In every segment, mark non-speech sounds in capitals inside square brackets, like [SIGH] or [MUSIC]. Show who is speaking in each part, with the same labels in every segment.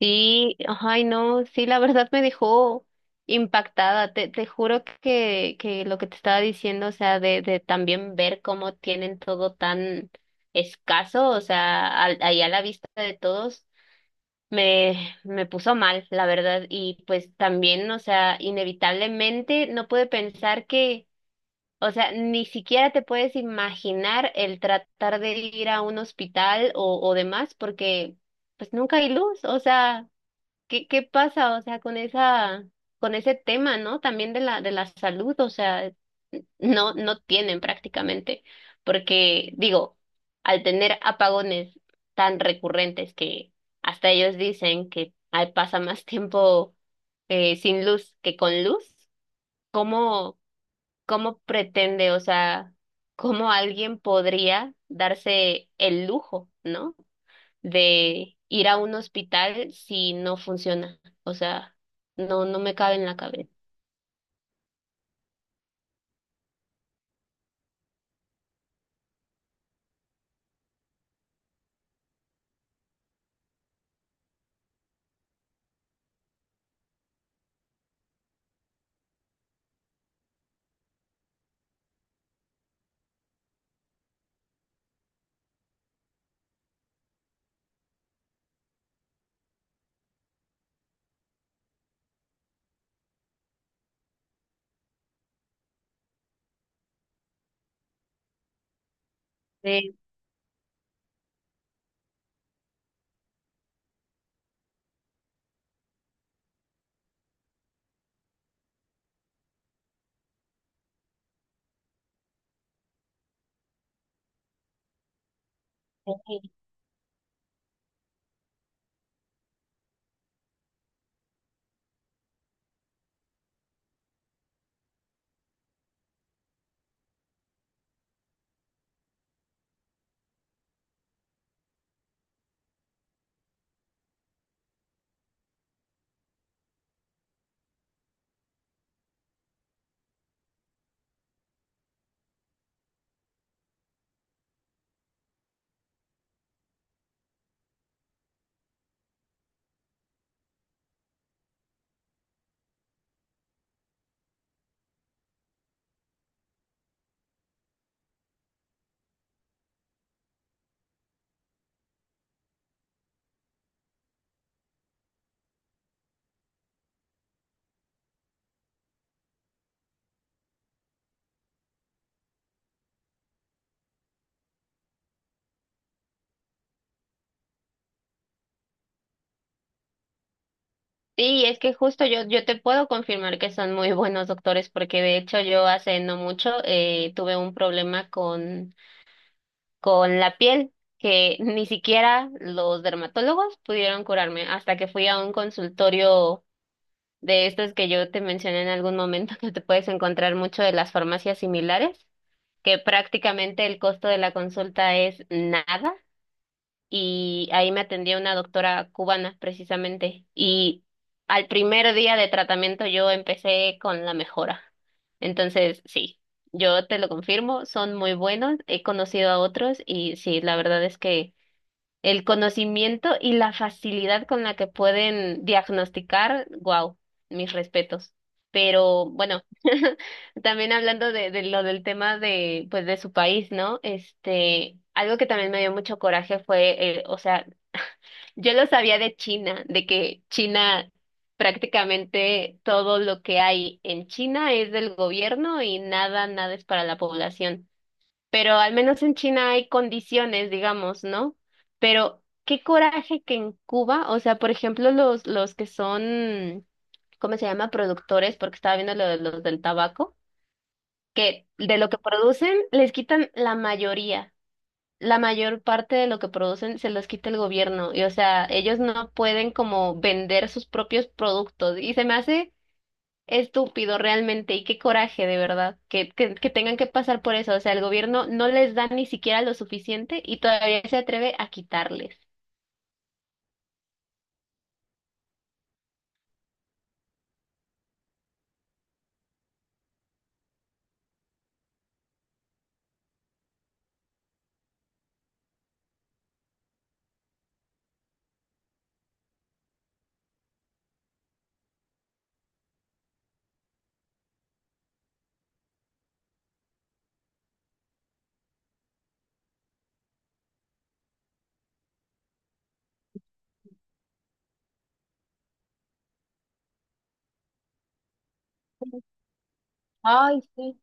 Speaker 1: Sí, ay no, sí, la verdad me dejó impactada. Te juro que lo que te estaba diciendo, o sea, de también ver cómo tienen todo tan escaso, o sea, al, ahí a la vista de todos, me, me puso mal, la verdad. Y pues también, o sea, inevitablemente no pude pensar que, o sea, ni siquiera te puedes imaginar el tratar de ir a un hospital o demás, porque pues nunca hay luz, o sea. ¿Qué pasa, o sea, con esa, con ese tema, ¿no? También de la salud, o sea, no, no tienen prácticamente, porque digo, al tener apagones tan recurrentes que hasta ellos dicen que ay, pasa más tiempo sin luz que con luz, ¿cómo, cómo pretende, o sea, cómo alguien podría darse el lujo, ¿no? de ir a un hospital si no funciona. O sea, no, no me cabe en la cabeza. Sí, sí. Sí, es que justo yo, yo te puedo confirmar que son muy [LAUGHS] buenos doctores, porque de hecho yo hace no mucho tuve un problema con la piel, que ni siquiera los dermatólogos pudieron curarme hasta que fui a un consultorio de estos que yo te mencioné en algún momento, [LAUGHS] que te puedes encontrar mucho de las farmacias similares, que prácticamente el costo de la consulta es nada. Y ahí me atendía una doctora cubana precisamente. Y al primer día de tratamiento yo empecé con la mejora. Entonces, sí, yo te lo confirmo, son muy buenos. He conocido a otros y sí, la verdad es que... El conocimiento y la facilidad con la que pueden diagnosticar, wow, mis respetos. Pero bueno, [LAUGHS] también hablando de lo del tema de, pues, de su país, ¿no? Este, algo que también me dio mucho coraje fue, o sea, yo lo sabía de China, de que China prácticamente todo lo que hay en China es del gobierno y nada, nada es para la población pero al menos en China hay condiciones, digamos, ¿no? Pero qué coraje que en Cuba, o sea, por ejemplo, los que son, ¿cómo se llama? Productores, porque estaba viendo lo de los del tabaco, que de lo que producen les quitan la mayoría. La mayor parte de lo que producen se los quita el gobierno y o sea, ellos no pueden como vender sus propios productos y se me hace estúpido realmente y qué coraje de verdad que tengan que pasar por eso. O sea, el gobierno no les da ni siquiera lo suficiente y todavía se atreve a quitarles. Ay, sí.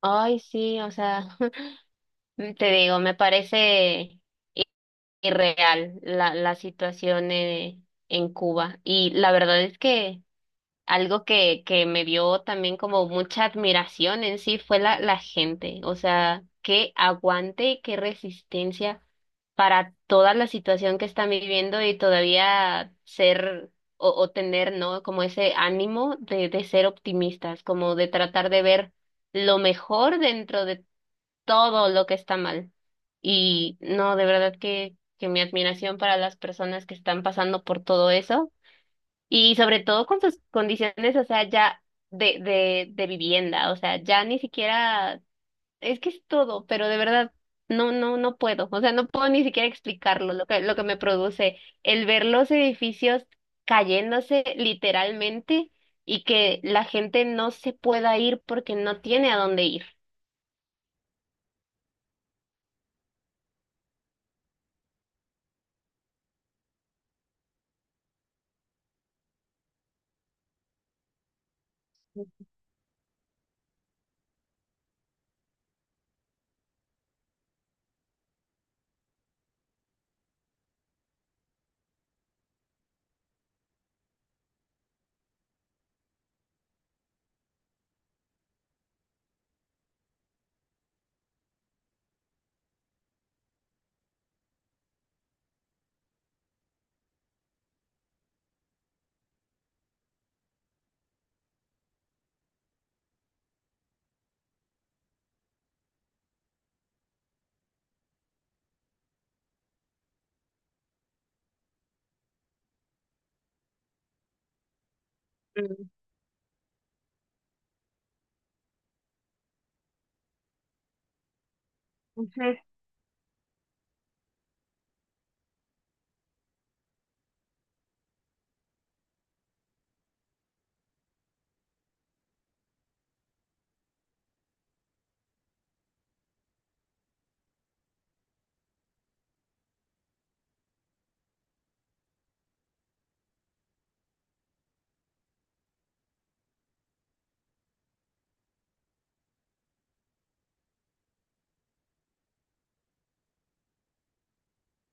Speaker 1: Ay, sí, o sea, [LAUGHS] te digo, me parece irreal la, la situación en Cuba. Y la verdad es que algo que me dio también como mucha admiración en sí fue la, la gente, o sea, qué aguante y qué resistencia para toda la situación que están viviendo y todavía ser o tener, ¿no? Como ese ánimo de ser optimistas, como de tratar de ver lo mejor dentro de todo lo que está mal. Y no, de verdad que mi admiración para las personas que están pasando por todo eso. Y sobre todo con sus condiciones, o sea, ya de vivienda, o sea, ya ni siquiera, es que es todo, pero de verdad, no, no, no puedo, o sea, no puedo ni siquiera explicarlo, lo que me produce el ver los edificios cayéndose literalmente y que la gente no se pueda ir porque no tiene a dónde ir. Mm, ujú.